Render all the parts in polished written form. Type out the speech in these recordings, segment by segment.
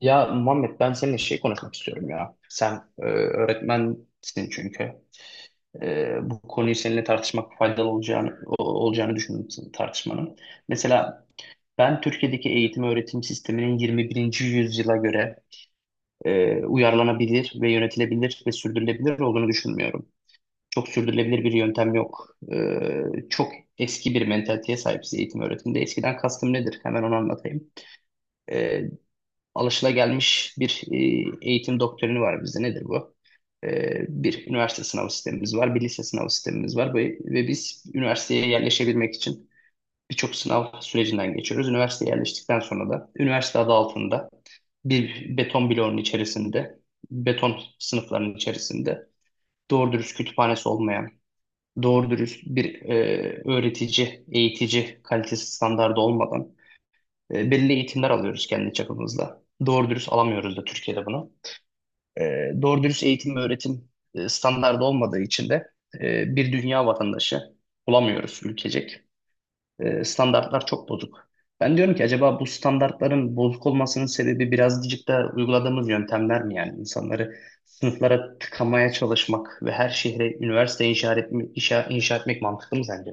Ya Muhammed ben seninle şey konuşmak istiyorum ya. Sen öğretmensin çünkü. Bu konuyu seninle tartışmak faydalı olacağını olacağını düşündüm senin tartışmanın. Mesela ben Türkiye'deki eğitim öğretim sisteminin 21. yüzyıla göre uyarlanabilir ve yönetilebilir ve sürdürülebilir olduğunu düşünmüyorum. Çok sürdürülebilir bir yöntem yok. Çok eski bir mentaliteye sahibiz eğitim öğretimde. Eskiden kastım nedir? Hemen onu anlatayım. E, Alışılagelmiş bir eğitim doktrini var bizde. Nedir bu? E, Bir üniversite sınav sistemimiz var, bir lise sınav sistemimiz var ve biz üniversiteye yerleşebilmek için birçok sınav sürecinden geçiyoruz. Üniversiteye yerleştikten sonra da üniversite adı altında bir beton bloğun içerisinde, beton sınıfların içerisinde doğru dürüst kütüphanesi olmayan, doğru dürüst bir öğretici, eğitici kalitesi standardı olmadan belli eğitimler alıyoruz kendi çapımızda. Doğru dürüst alamıyoruz da Türkiye'de bunu. E, doğru dürüst eğitim ve öğretim standardı olmadığı için de bir dünya vatandaşı bulamıyoruz ülkecek. Standartlar çok bozuk. Ben diyorum ki acaba bu standartların bozuk olmasının sebebi birazcık da uyguladığımız yöntemler mi yani? İnsanları sınıflara tıkamaya çalışmak ve her şehre üniversite inşa etmek, inşa etmek mantıklı mı sence?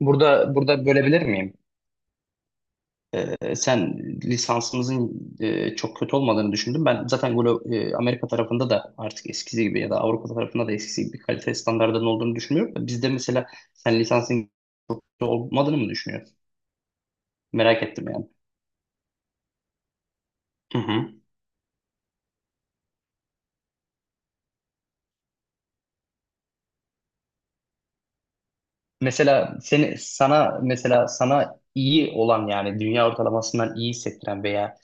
Burada bölebilir miyim? Sen lisansımızın çok kötü olmadığını düşündüm. Ben zaten Amerika tarafında da artık eskisi gibi ya da Avrupa tarafında da eskisi gibi kalite standartlarının olduğunu düşünmüyorum. Bizde mesela sen lisansın kötü olmadığını mı düşünüyorsun? Merak ettim yani. Hı hı. Mesela seni sana mesela sana iyi olan yani dünya ortalamasından iyi hissettiren veya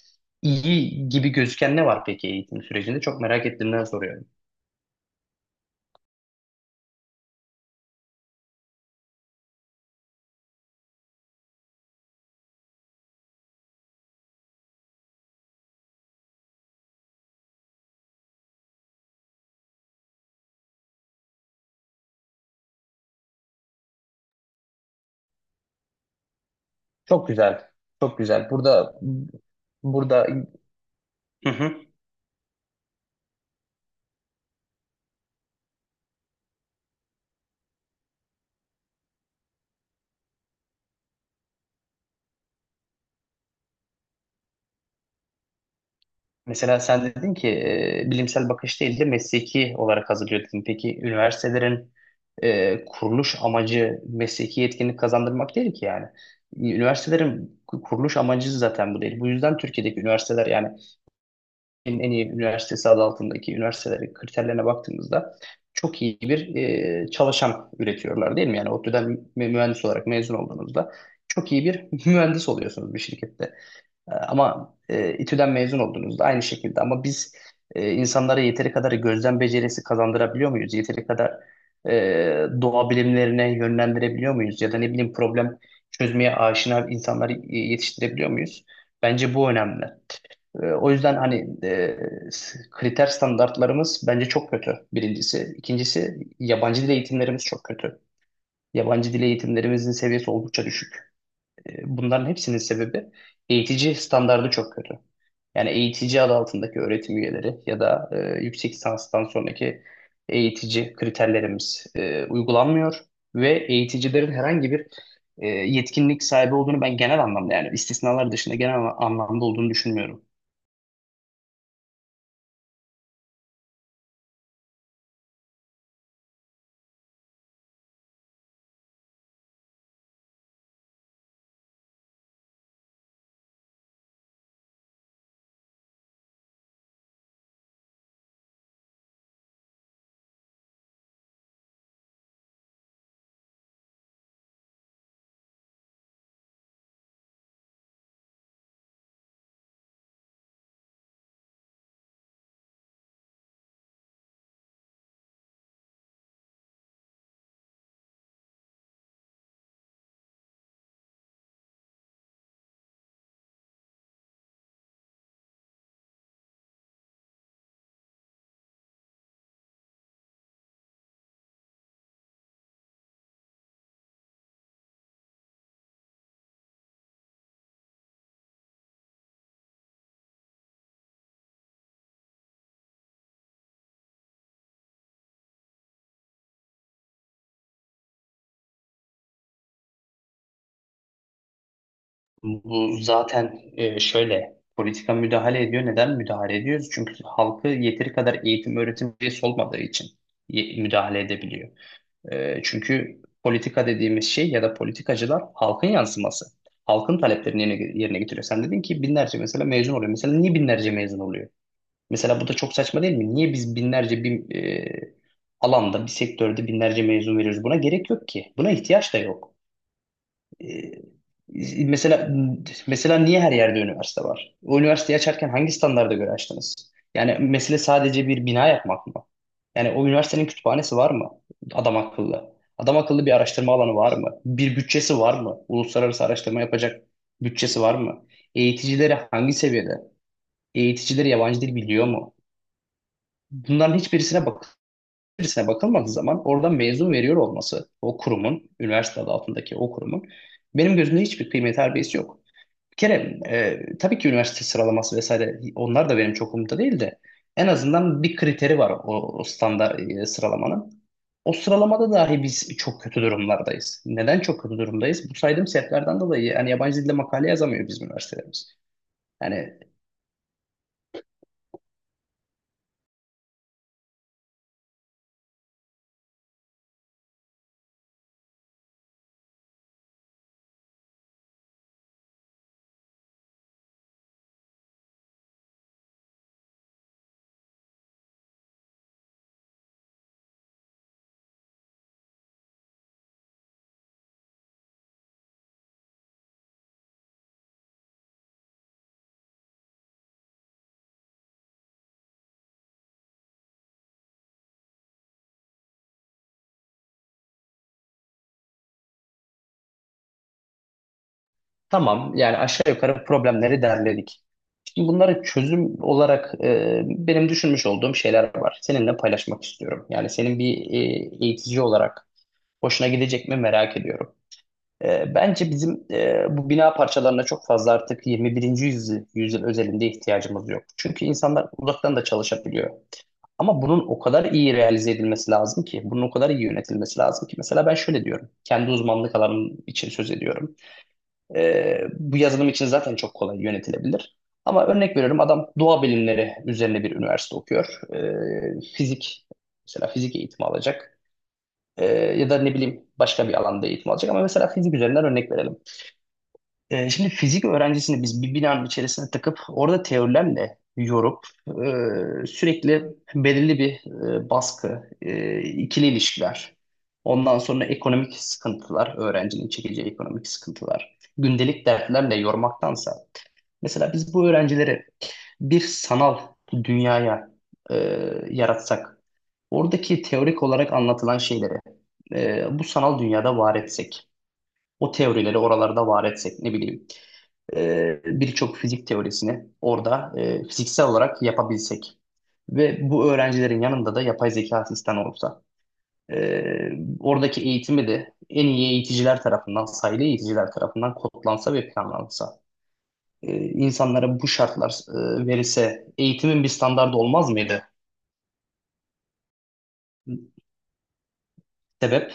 iyi gibi gözüken ne var peki eğitim sürecinde? Çok merak ettiğimden soruyorum. Çok güzel. Çok güzel. Burada. Hı hı. Mesela sen dedin ki bilimsel bakış değil de mesleki olarak hazırlıyor dedin. Peki üniversitelerin kuruluş amacı mesleki yetkinlik kazandırmak değil ki yani. Üniversitelerin kuruluş amacı zaten bu değil. Bu yüzden Türkiye'deki üniversiteler yani en iyi üniversitesi adı altındaki üniversitelerin kriterlerine baktığımızda çok iyi bir çalışan üretiyorlar değil mi? Yani ODTÜ'den mühendis olarak mezun olduğunuzda çok iyi bir mühendis oluyorsunuz bir şirkette. Ama İTÜ'den mezun oldunuz da aynı şekilde. Ama biz insanlara yeteri kadar gözlem becerisi kazandırabiliyor muyuz? Yeteri kadar e, doğa bilimlerine yönlendirebiliyor muyuz? Ya da ne bileyim problem çözmeye aşina insanları yetiştirebiliyor muyuz? Bence bu önemli. O yüzden hani kriter standartlarımız bence çok kötü birincisi. İkincisi yabancı dil eğitimlerimiz çok kötü. Yabancı dil eğitimlerimizin seviyesi oldukça düşük. Bunların hepsinin sebebi eğitici standardı çok kötü. Yani eğitici adı altındaki öğretim üyeleri ya da yüksek lisanstan sonraki eğitici kriterlerimiz uygulanmıyor ve eğiticilerin herhangi bir yetkinlik sahibi olduğunu ben genel anlamda yani istisnalar dışında genel anlamda olduğunu düşünmüyorum. Bu zaten şöyle politika müdahale ediyor. Neden müdahale ediyoruz? Çünkü halkı yeteri kadar eğitim öğretim üyesi olmadığı için müdahale edebiliyor. Çünkü politika dediğimiz şey ya da politikacılar halkın yansıması. Halkın taleplerini yerine getiriyor. Sen dedin ki binlerce mesela mezun oluyor. Mesela niye binlerce mezun oluyor? Mesela bu da çok saçma değil mi? Niye biz binlerce bir alanda, bir sektörde binlerce mezun veriyoruz? Buna gerek yok ki. Buna ihtiyaç da yok. Ee, mesela mesela niye her yerde üniversite var? O üniversiteyi açarken hangi standarda göre açtınız? Yani mesele sadece bir bina yapmak mı? Yani o üniversitenin kütüphanesi var mı? Adam akıllı. Adam akıllı bir araştırma alanı var mı? Bir bütçesi var mı? Uluslararası araştırma yapacak bütçesi var mı? Eğiticileri hangi seviyede? Eğiticileri yabancı dil biliyor mu? Bunların hiçbirisine bakın içerisine bakılmadığı zaman oradan mezun veriyor olması o kurumun, üniversite adı altındaki o kurumun benim gözümde hiçbir kıymet harbiyesi yok. Bir kere tabii ki üniversite sıralaması vesaire onlar da benim çok umurumda değil de en azından bir kriteri var o standart sıralamanın. O sıralamada dahi biz çok kötü durumlardayız. Neden çok kötü durumdayız? Bu saydığım sebeplerden dolayı yani yabancı dilde makale yazamıyor bizim üniversitelerimiz. Yani tamam yani aşağı yukarı problemleri derledik. Şimdi bunlara çözüm olarak benim düşünmüş olduğum şeyler var. Seninle paylaşmak istiyorum. Yani senin bir eğitici olarak hoşuna gidecek mi merak ediyorum. Bence bizim bu bina parçalarına çok fazla artık yüzyıl özelinde ihtiyacımız yok. Çünkü insanlar uzaktan da çalışabiliyor. Ama bunun o kadar iyi realize edilmesi lazım ki, bunun o kadar iyi yönetilmesi lazım ki. Mesela ben şöyle diyorum, kendi uzmanlık alanım için söz ediyorum. Bu yazılım için zaten çok kolay yönetilebilir. Ama örnek veriyorum adam doğa bilimleri üzerine bir üniversite okuyor. Fizik mesela fizik eğitimi alacak. Ya da ne bileyim başka bir alanda eğitim alacak. Ama mesela fizik üzerinden örnek verelim. Şimdi fizik öğrencisini biz bir binanın içerisine takıp orada teorilerle yorup sürekli belirli bir baskı, ikili ilişkiler, ondan sonra ekonomik sıkıntılar, öğrencinin çekeceği ekonomik sıkıntılar, gündelik dertlerle yormaktansa mesela biz bu öğrencileri bir sanal dünyaya e, yaratsak, oradaki teorik olarak anlatılan şeyleri bu sanal dünyada var etsek, o teorileri oralarda var etsek ne bileyim birçok fizik teorisini orada fiziksel olarak yapabilsek ve bu öğrencilerin yanında da yapay zeka asistanı olsa e, oradaki eğitimi de en iyi eğiticiler tarafından, sayılı eğiticiler tarafından kodlansa ve planlansa insanlara bu şartlar verilse eğitimin bir standardı olmaz mıydı? Sebep,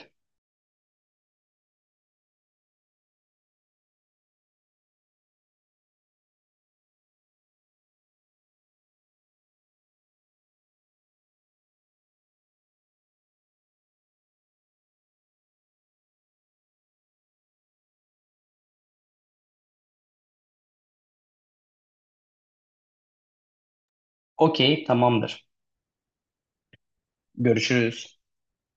okey, tamamdır. Görüşürüz.